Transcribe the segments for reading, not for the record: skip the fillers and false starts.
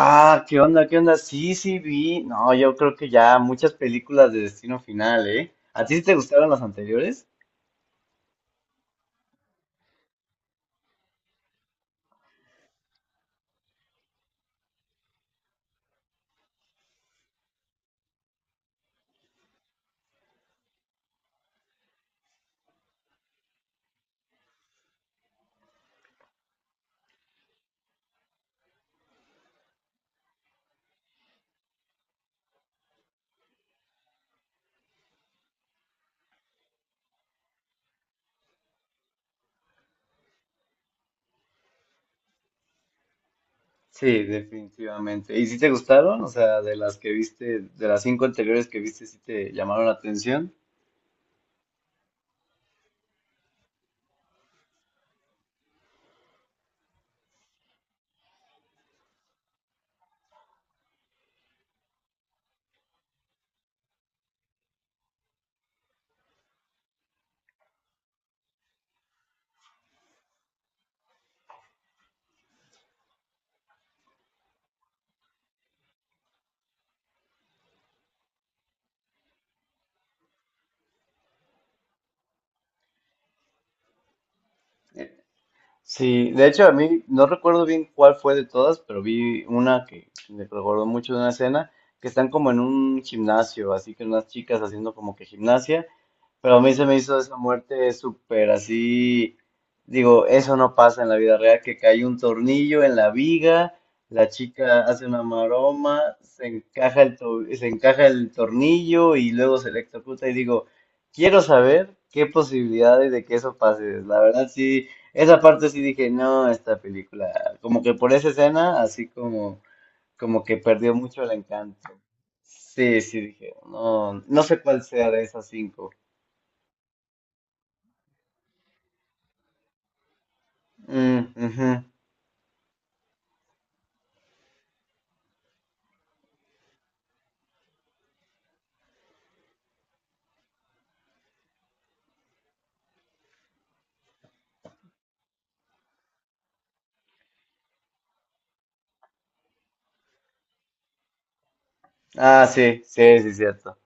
Ah, ¿qué onda? ¿Qué onda? Sí, vi. No, yo creo que ya muchas películas de Destino Final, ¿eh? ¿A ti sí te gustaron las anteriores? Sí, definitivamente. ¿Y si te gustaron? O sea, de las que viste, de las cinco anteriores que viste, ¿sí te llamaron la atención? Sí, de hecho a mí no recuerdo bien cuál fue de todas, pero vi una que me recordó mucho de una escena que están como en un gimnasio, así que unas chicas haciendo como que gimnasia. Pero a mí se me hizo esa muerte súper así. Digo, eso no pasa en la vida real, que cae un tornillo en la viga, la chica hace una maroma, se encaja se encaja el tornillo y luego se electrocuta. Y digo, quiero saber qué posibilidades de que eso pase. La verdad, sí, esa parte sí dije, no, esta película, como que por esa escena, así como, como que perdió mucho el encanto. Sí, sí, dije, no, no sé cuál sea de esas cinco. Mm, ujú. Ah, sí, sí, sí, cierto.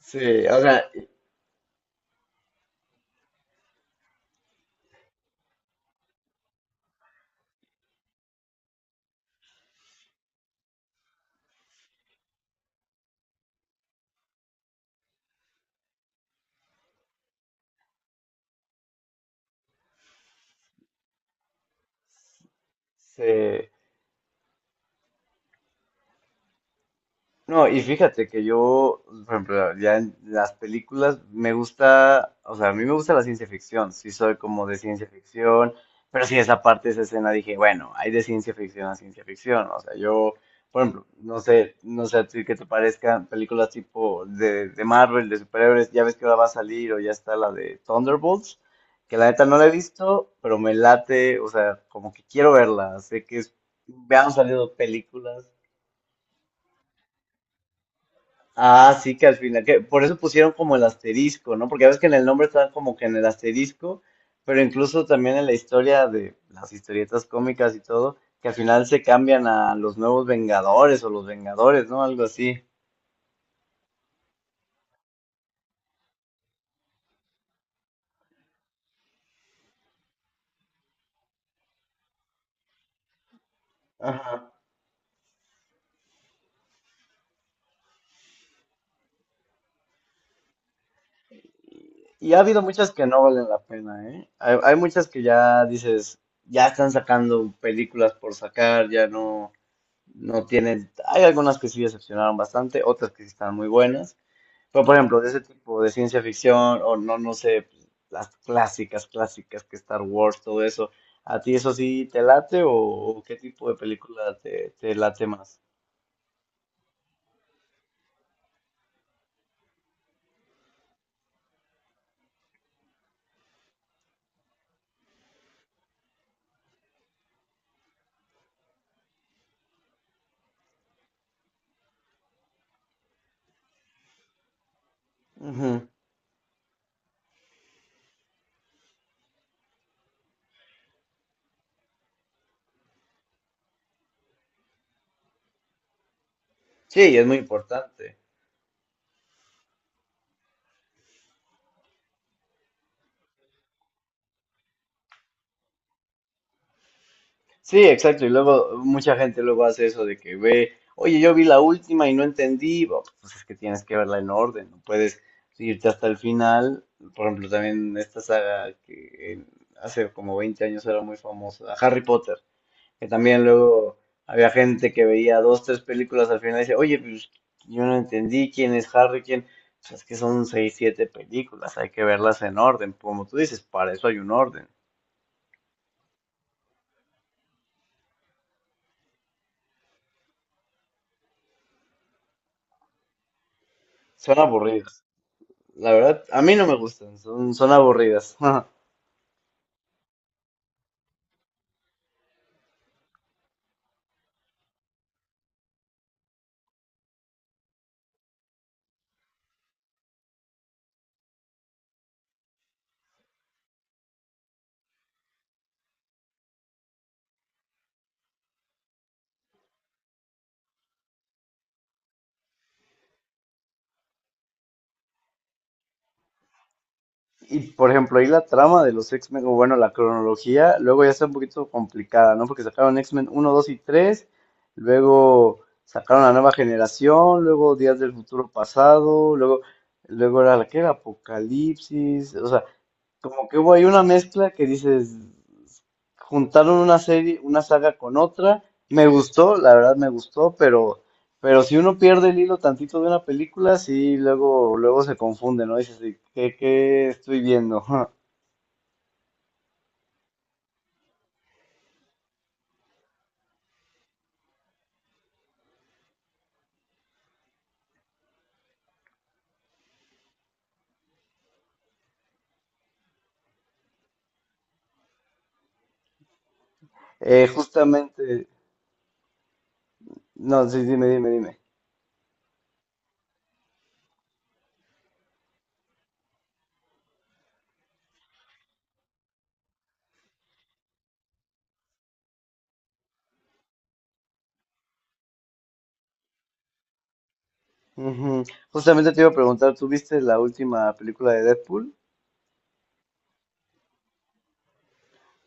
Sí, o sea, sí. No, y fíjate que yo, por ejemplo, ya en las películas me gusta, o sea, a mí me gusta la ciencia ficción, sí soy como de ciencia ficción, pero sí esa parte, esa escena dije, bueno, hay de ciencia ficción a ciencia ficción, o sea, yo, por ejemplo, no sé, no sé a ti qué te parezcan películas tipo de Marvel, de superhéroes, ya ves que ahora va a salir o ya está la de Thunderbolts, que la neta no la he visto, pero me late, o sea, como que quiero verla, sé que es, me han salido películas. Ah, sí, que al final, que por eso pusieron como el asterisco, ¿no? Porque ya ves que en el nombre está como que en el asterisco, pero incluso también en la historia de las historietas cómicas y todo, que al final se cambian a los nuevos Vengadores o los Vengadores, ¿no? Algo así. Ajá. Y ha habido muchas que no valen la pena, ¿eh? Hay muchas que ya dices, ya están sacando películas por sacar, ya no, no tienen. Hay algunas que sí decepcionaron bastante, otras que sí están muy buenas. Pero, por ejemplo, de ese tipo de ciencia ficción o no, no sé, pues, las clásicas, clásicas que Star Wars, todo eso, ¿a ti eso sí te late o qué tipo de película te, te late más? Ujú. Sí, es muy importante. Sí, exacto. Y luego mucha gente luego hace eso de que ve, oye, yo vi la última y no entendí. Bueno, pues es que tienes que verla en orden, no puedes irte hasta el final. Por ejemplo, también esta saga que hace como 20 años era muy famosa, Harry Potter. Que también luego había gente que veía dos, tres películas al final y dice oye, pues yo no entendí quién es Harry, quién. Pues es que son seis, siete películas, hay que verlas en orden. Como tú dices, para eso hay un orden. Son aburridas. La verdad, a mí no me gustan, son, son aburridas. Y por ejemplo, ahí la trama de los X-Men, o bueno, la cronología, luego ya está un poquito complicada, ¿no? Porque sacaron X-Men uno 2 y tres, luego sacaron la nueva generación, luego Días del Futuro Pasado, luego, luego era la que era Apocalipsis, o sea, como que hubo ahí una mezcla que dices, juntaron una serie, una saga con otra. Me gustó, la verdad me gustó, pero si uno pierde el hilo tantito de una película, sí, luego, luego se confunde, ¿no? Dices, "¿De ¿qué, qué estoy viendo?" Justamente, no, sí, dime. Ujú. Justamente te iba a preguntar, ¿tú viste la última película de Deadpool?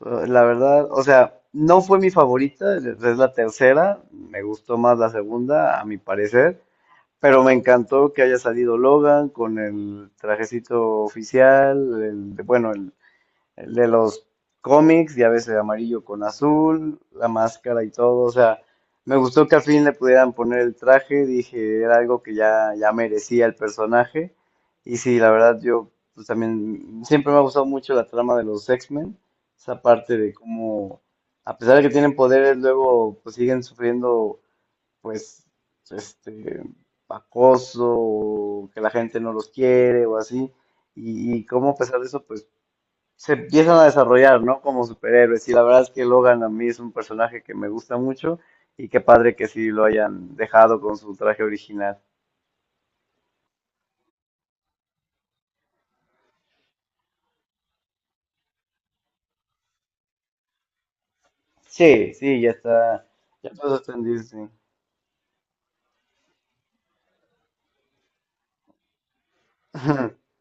La verdad, o sea, no fue mi favorita, es la tercera, me gustó más la segunda, a mi parecer. Pero me encantó que haya salido Logan con el trajecito oficial, el de los cómics, ya ves, el amarillo con azul, la máscara y todo. O sea, me gustó que al fin le pudieran poner el traje, dije, era algo que ya, ya merecía el personaje. Y sí, la verdad, yo pues también siempre me ha gustado mucho la trama de los X-Men, esa parte de cómo, a pesar de que tienen poderes, luego pues siguen sufriendo pues, este, acoso, o que la gente no los quiere o así, y cómo a pesar de eso, pues, se empiezan a desarrollar, ¿no? Como superhéroes, y la verdad es que Logan a mí es un personaje que me gusta mucho, y qué padre que sí lo hayan dejado con su traje original. Sí, sí, ya está, ya todo está en Disney.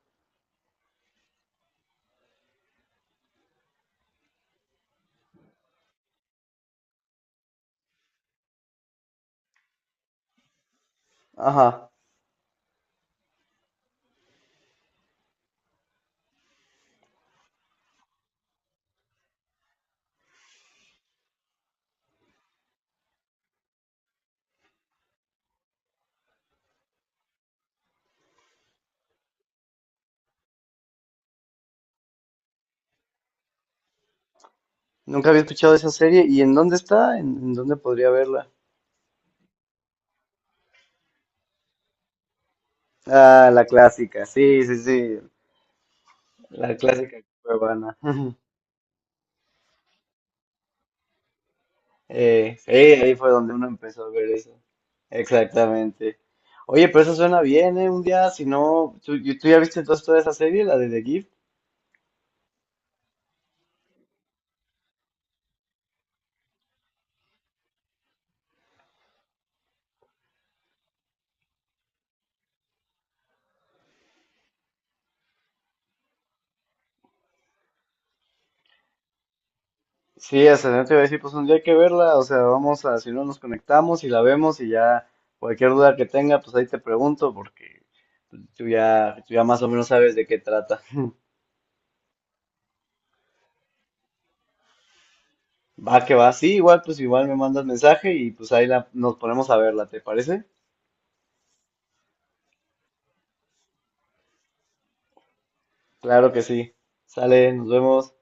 Ajá, nunca había escuchado esa serie. ¿Y en dónde está? En dónde podría verla? Ah, la clásica, sí, sí, sí, la clásica cuevana. Ahí fue donde uno empezó a ver eso. Exactamente. Oye, pero eso suena bien, ¿eh? Un día, si no, ¿tú, y- tú ya viste entonces toda esa serie, la de The Gift? Sí, hasta no te iba a decir, pues un día hay que verla, o sea, vamos a, si no nos conectamos y la vemos y ya cualquier duda que tenga, pues ahí te pregunto, porque pues, tú ya más o menos sabes de qué trata. Va que va, sí, igual, pues igual me mandas mensaje y pues ahí la, nos ponemos a verla, ¿te parece? Claro que sí. Sale, nos vemos.